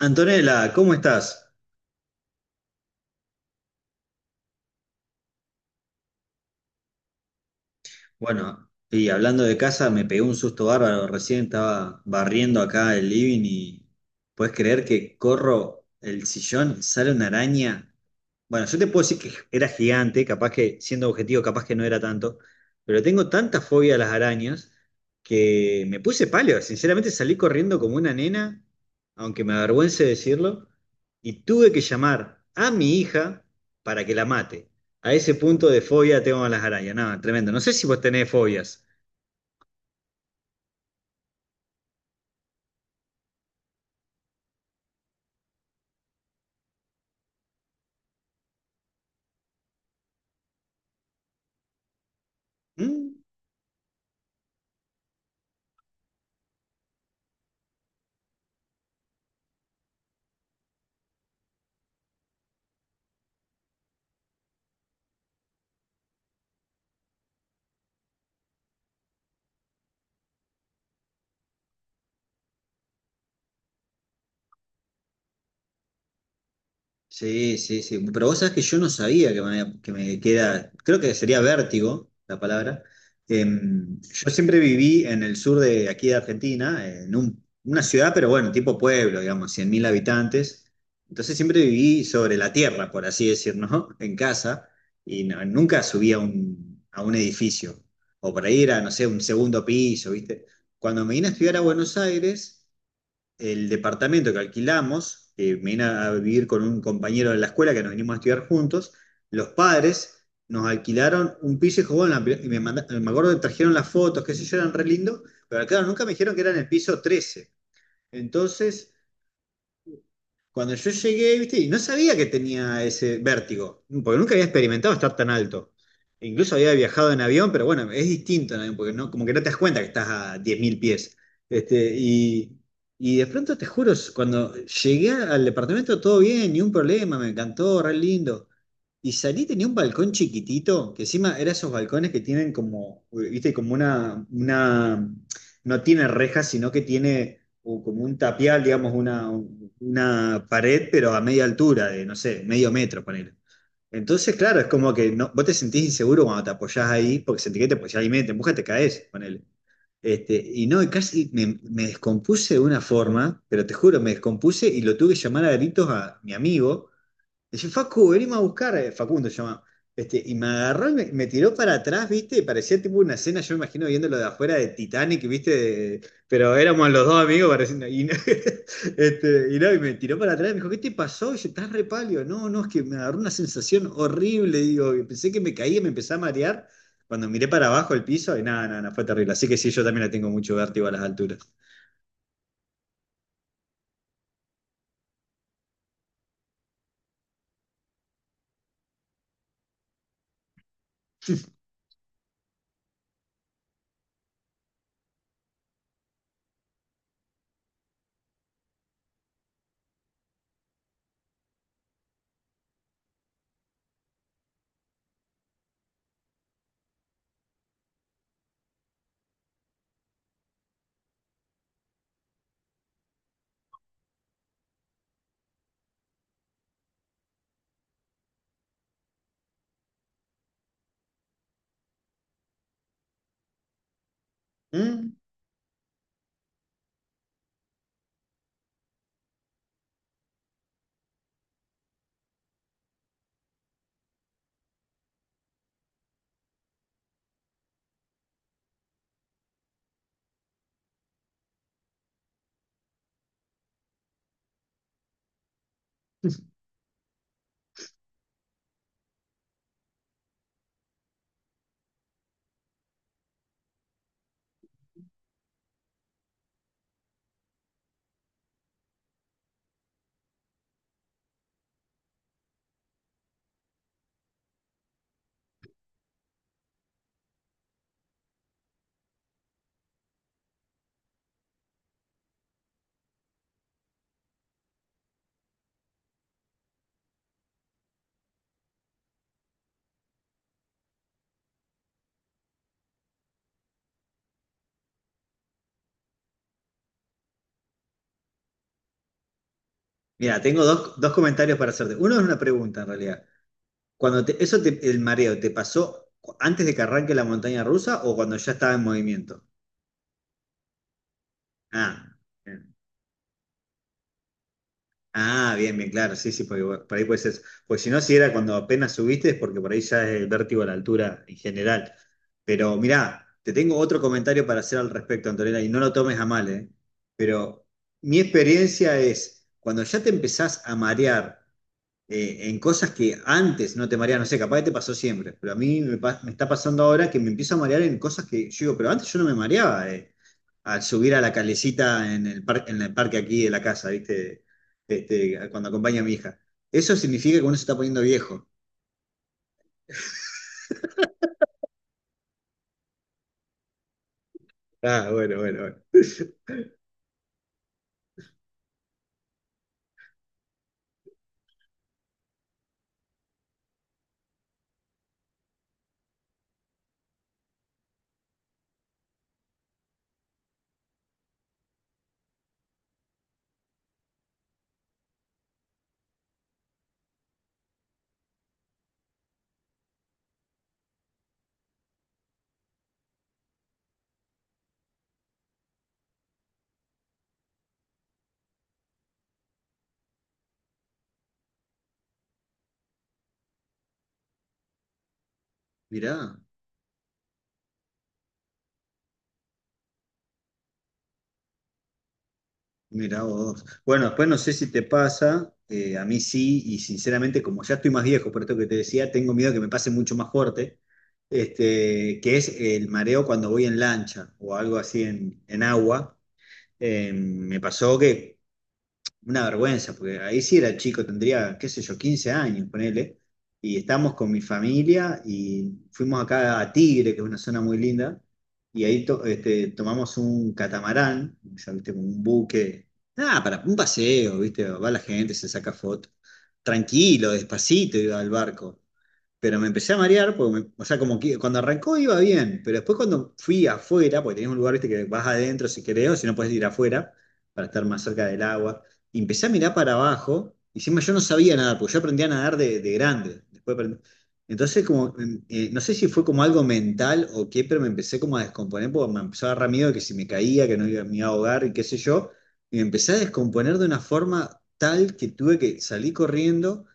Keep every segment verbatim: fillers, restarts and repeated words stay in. Antonella, ¿cómo estás? Bueno, y hablando de casa, me pegó un susto bárbaro. Recién estaba barriendo acá el living y puedes creer que corro el sillón, sale una araña. Bueno, yo te puedo decir que era gigante, capaz que, siendo objetivo, capaz que no era tanto, pero tengo tanta fobia a las arañas que me puse pálida. Sinceramente salí corriendo como una nena, aunque me avergüence decirlo, y tuve que llamar a mi hija para que la mate. A ese punto de fobia tengo a las arañas. No, tremendo. No sé si vos tenés fobias. ¿Mm? Sí, sí, sí. Pero vos sabés que yo no sabía que me, que me queda, creo que sería vértigo la palabra. Em, yo siempre viví en el sur de aquí de Argentina, en un- una ciudad, pero bueno, tipo pueblo, digamos, cien mil habitantes. Entonces siempre viví sobre la tierra, por así decir, ¿no? En casa, y no- nunca subí a un, a un edificio. O por ahí era, no sé, un segundo piso, ¿viste? Cuando me vine a estudiar a Buenos Aires, el departamento que alquilamos, que me vine a vivir con un compañero de la escuela que nos vinimos a estudiar juntos, los padres nos alquilaron un piso y dijo, bueno, la- y me, manda- me acuerdo que trajeron las fotos, qué sé yo, eran re lindo, pero claro, nunca me dijeron que era en el piso trece. Entonces, cuando yo llegué, viste, y no sabía que tenía ese vértigo, porque nunca había experimentado estar tan alto. Incluso había viajado en avión, pero bueno, es distinto en avión, porque no, como que no te das cuenta que estás a diez mil pies. Este, y, y de pronto te juro, cuando llegué al departamento todo bien, ni un problema, me encantó, re lindo. Y salí, tenía un balcón chiquitito, que encima era esos balcones que tienen como, viste, como una, una, no tiene rejas, sino que tiene o como un tapial, digamos, una, una pared, pero a media altura, de no sé, medio metro, ponele. Entonces, claro, es como que no, vos te sentís inseguro cuando te apoyás ahí, porque sentís que te apoyás ahí, medio te empujas, te caes, ponele. Este, y no, y casi me, me descompuse de una forma, pero te juro, me descompuse y lo tuve que llamar a gritos a mi amigo. Dice, Facu, venimos a buscar, eh, Facundo se llama. Este, y me agarró y me, me tiró para atrás, ¿viste? Y parecía tipo una escena, yo me imagino viéndolo de afuera de Titanic, ¿viste? De- pero éramos los dos amigos, pareciendo. Y, no- este, y no, y me tiró para atrás y me dijo, ¿qué te pasó? Y yo, estás re pálido. No, no, es que me agarró una sensación horrible, digo, y pensé que me caía, me empecé a marear. Cuando miré para abajo el piso, y nada, nada, nada, fue terrible. Así que sí, yo también le tengo mucho vértigo a las alturas. Mm. Mira, tengo dos, dos comentarios para hacerte. Uno es una pregunta, en realidad. Cuando te- eso te- el mareo, ¿te pasó cu- antes de que arranque la montaña rusa o cuando ya estaba en movimiento? Ah, bien. Ah, bien, bien, claro, sí, sí, porque bueno, por ahí puede ser eso. Porque si no, si era cuando apenas subiste, es porque por ahí ya es el vértigo a la altura en general. Pero mirá, te tengo otro comentario para hacer al respecto, Antonella, y no lo tomes a mal, ¿eh? Pero mi experiencia es, cuando ya te empezás a marear eh, en cosas que antes no te mareaba, no sé, capaz que te pasó siempre, pero a mí me, pa- me está pasando ahora que me empiezo a marear en cosas que yo digo, pero antes yo no me mareaba, eh, al subir a la calecita en el, par- en el parque aquí de la casa, ¿viste? Este, cuando acompaña a mi hija. Eso significa que uno se está poniendo viejo. Ah, bueno, bueno, bueno. Mirá. Mira vos. Bueno, después no sé si te pasa, eh, a mí sí, y sinceramente, como ya estoy más viejo, por esto que te decía, tengo miedo que me pase mucho más fuerte, este, que es el mareo cuando voy en lancha o algo así en, en agua. Eh, me pasó que una vergüenza, porque ahí sí era chico, tendría, qué sé yo, quince años, ponele. Y estamos con mi familia y fuimos acá a Tigre, que es una zona muy linda, y ahí to- este, tomamos un catamarán, ya viste, como un buque, nada, para un paseo, viste, va la gente, se saca foto. Tranquilo, despacito iba al barco, pero me empecé a marear, porque me- o sea, como que cuando arrancó iba bien, pero después cuando fui afuera, porque tenés un lugar, viste, que vas adentro si querés, o si no puedes ir afuera, para estar más cerca del agua, y empecé a mirar para abajo, y encima yo no sabía nadar, porque yo aprendí a nadar de, de grande, después aprendí- entonces, como, mm, eh, no sé si fue como algo mental o qué, pero me empecé como a descomponer, porque me empezó a agarrar miedo de que si me caía, que no iba, me iba a ahogar y qué sé yo, y me empecé a descomponer de una forma tal que tuve que salir corriendo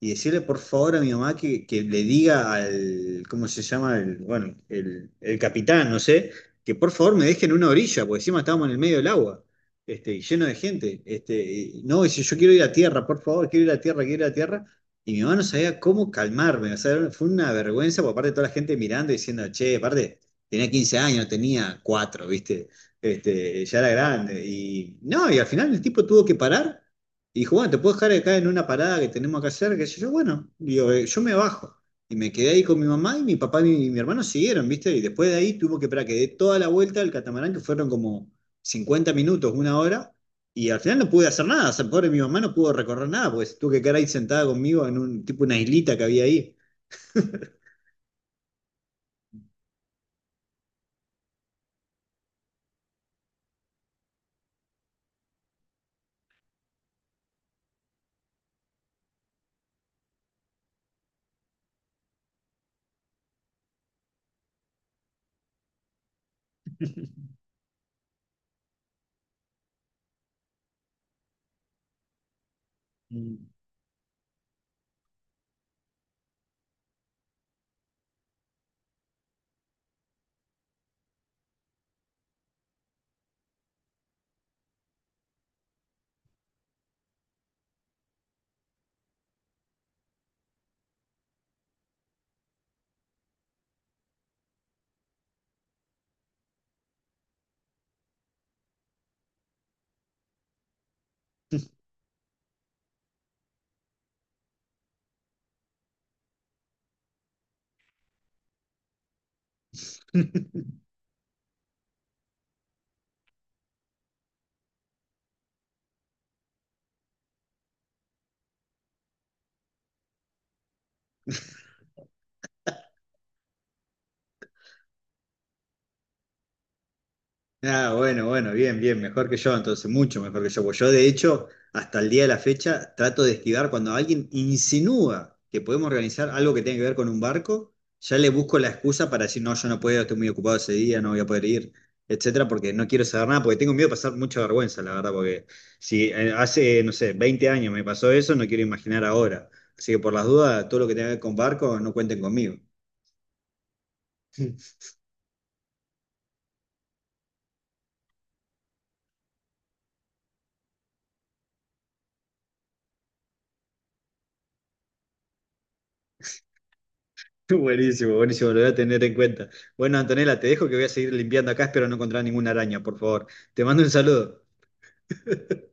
y decirle por favor a mi mamá que, que le diga al, ¿cómo se llama? El, bueno, el, el capitán, no sé, que por favor me dejen en una orilla, porque encima estábamos en el medio del agua, este, y lleno de gente. Este, y, no, dice, yo quiero ir a tierra, por favor, quiero ir a tierra, quiero ir a tierra. Y mi mamá no sabía cómo calmarme, o sea, fue una vergüenza por parte de toda la gente mirando y diciendo, che, aparte, tenía quince años, no tenía cuatro, ¿viste? Este, ya era grande. Y no, y al final el tipo tuvo que parar y dijo, bueno, te puedo dejar acá en una parada que tenemos acá cerca, que yo, bueno, digo, eh, yo me bajo. Y me quedé ahí con mi mamá y mi papá y mi mi hermano siguieron, ¿viste? Y después de ahí tuvo que esperar que dé toda la vuelta al catamarán, que fueron como cincuenta minutos, una hora. Y al final no pude hacer nada. O sea, pobre mi mamá no pudo recorrer nada, pues tuvo que quedar ahí sentada conmigo en un tipo una islita que había ahí. Mm. Ah, bueno, bueno, bien, bien, mejor que yo, entonces, mucho mejor que yo. Pues yo, de hecho, hasta el día de la fecha, trato de esquivar cuando alguien insinúa que podemos organizar algo que tenga que ver con un barco, ya le busco la excusa para decir, no, yo no puedo, estoy muy ocupado ese día, no voy a poder ir, etcétera, porque no quiero saber nada, porque tengo miedo de pasar mucha vergüenza, la verdad, porque si eh, hace, no sé, veinte años me pasó eso, no quiero imaginar ahora. Así que por las dudas, todo lo que tenga que ver con barco, no cuenten conmigo. Buenísimo, buenísimo, lo voy a tener en cuenta. Bueno, Antonella, te dejo que voy a seguir limpiando acá, espero no encontrar ninguna araña, por favor. Te mando un saludo.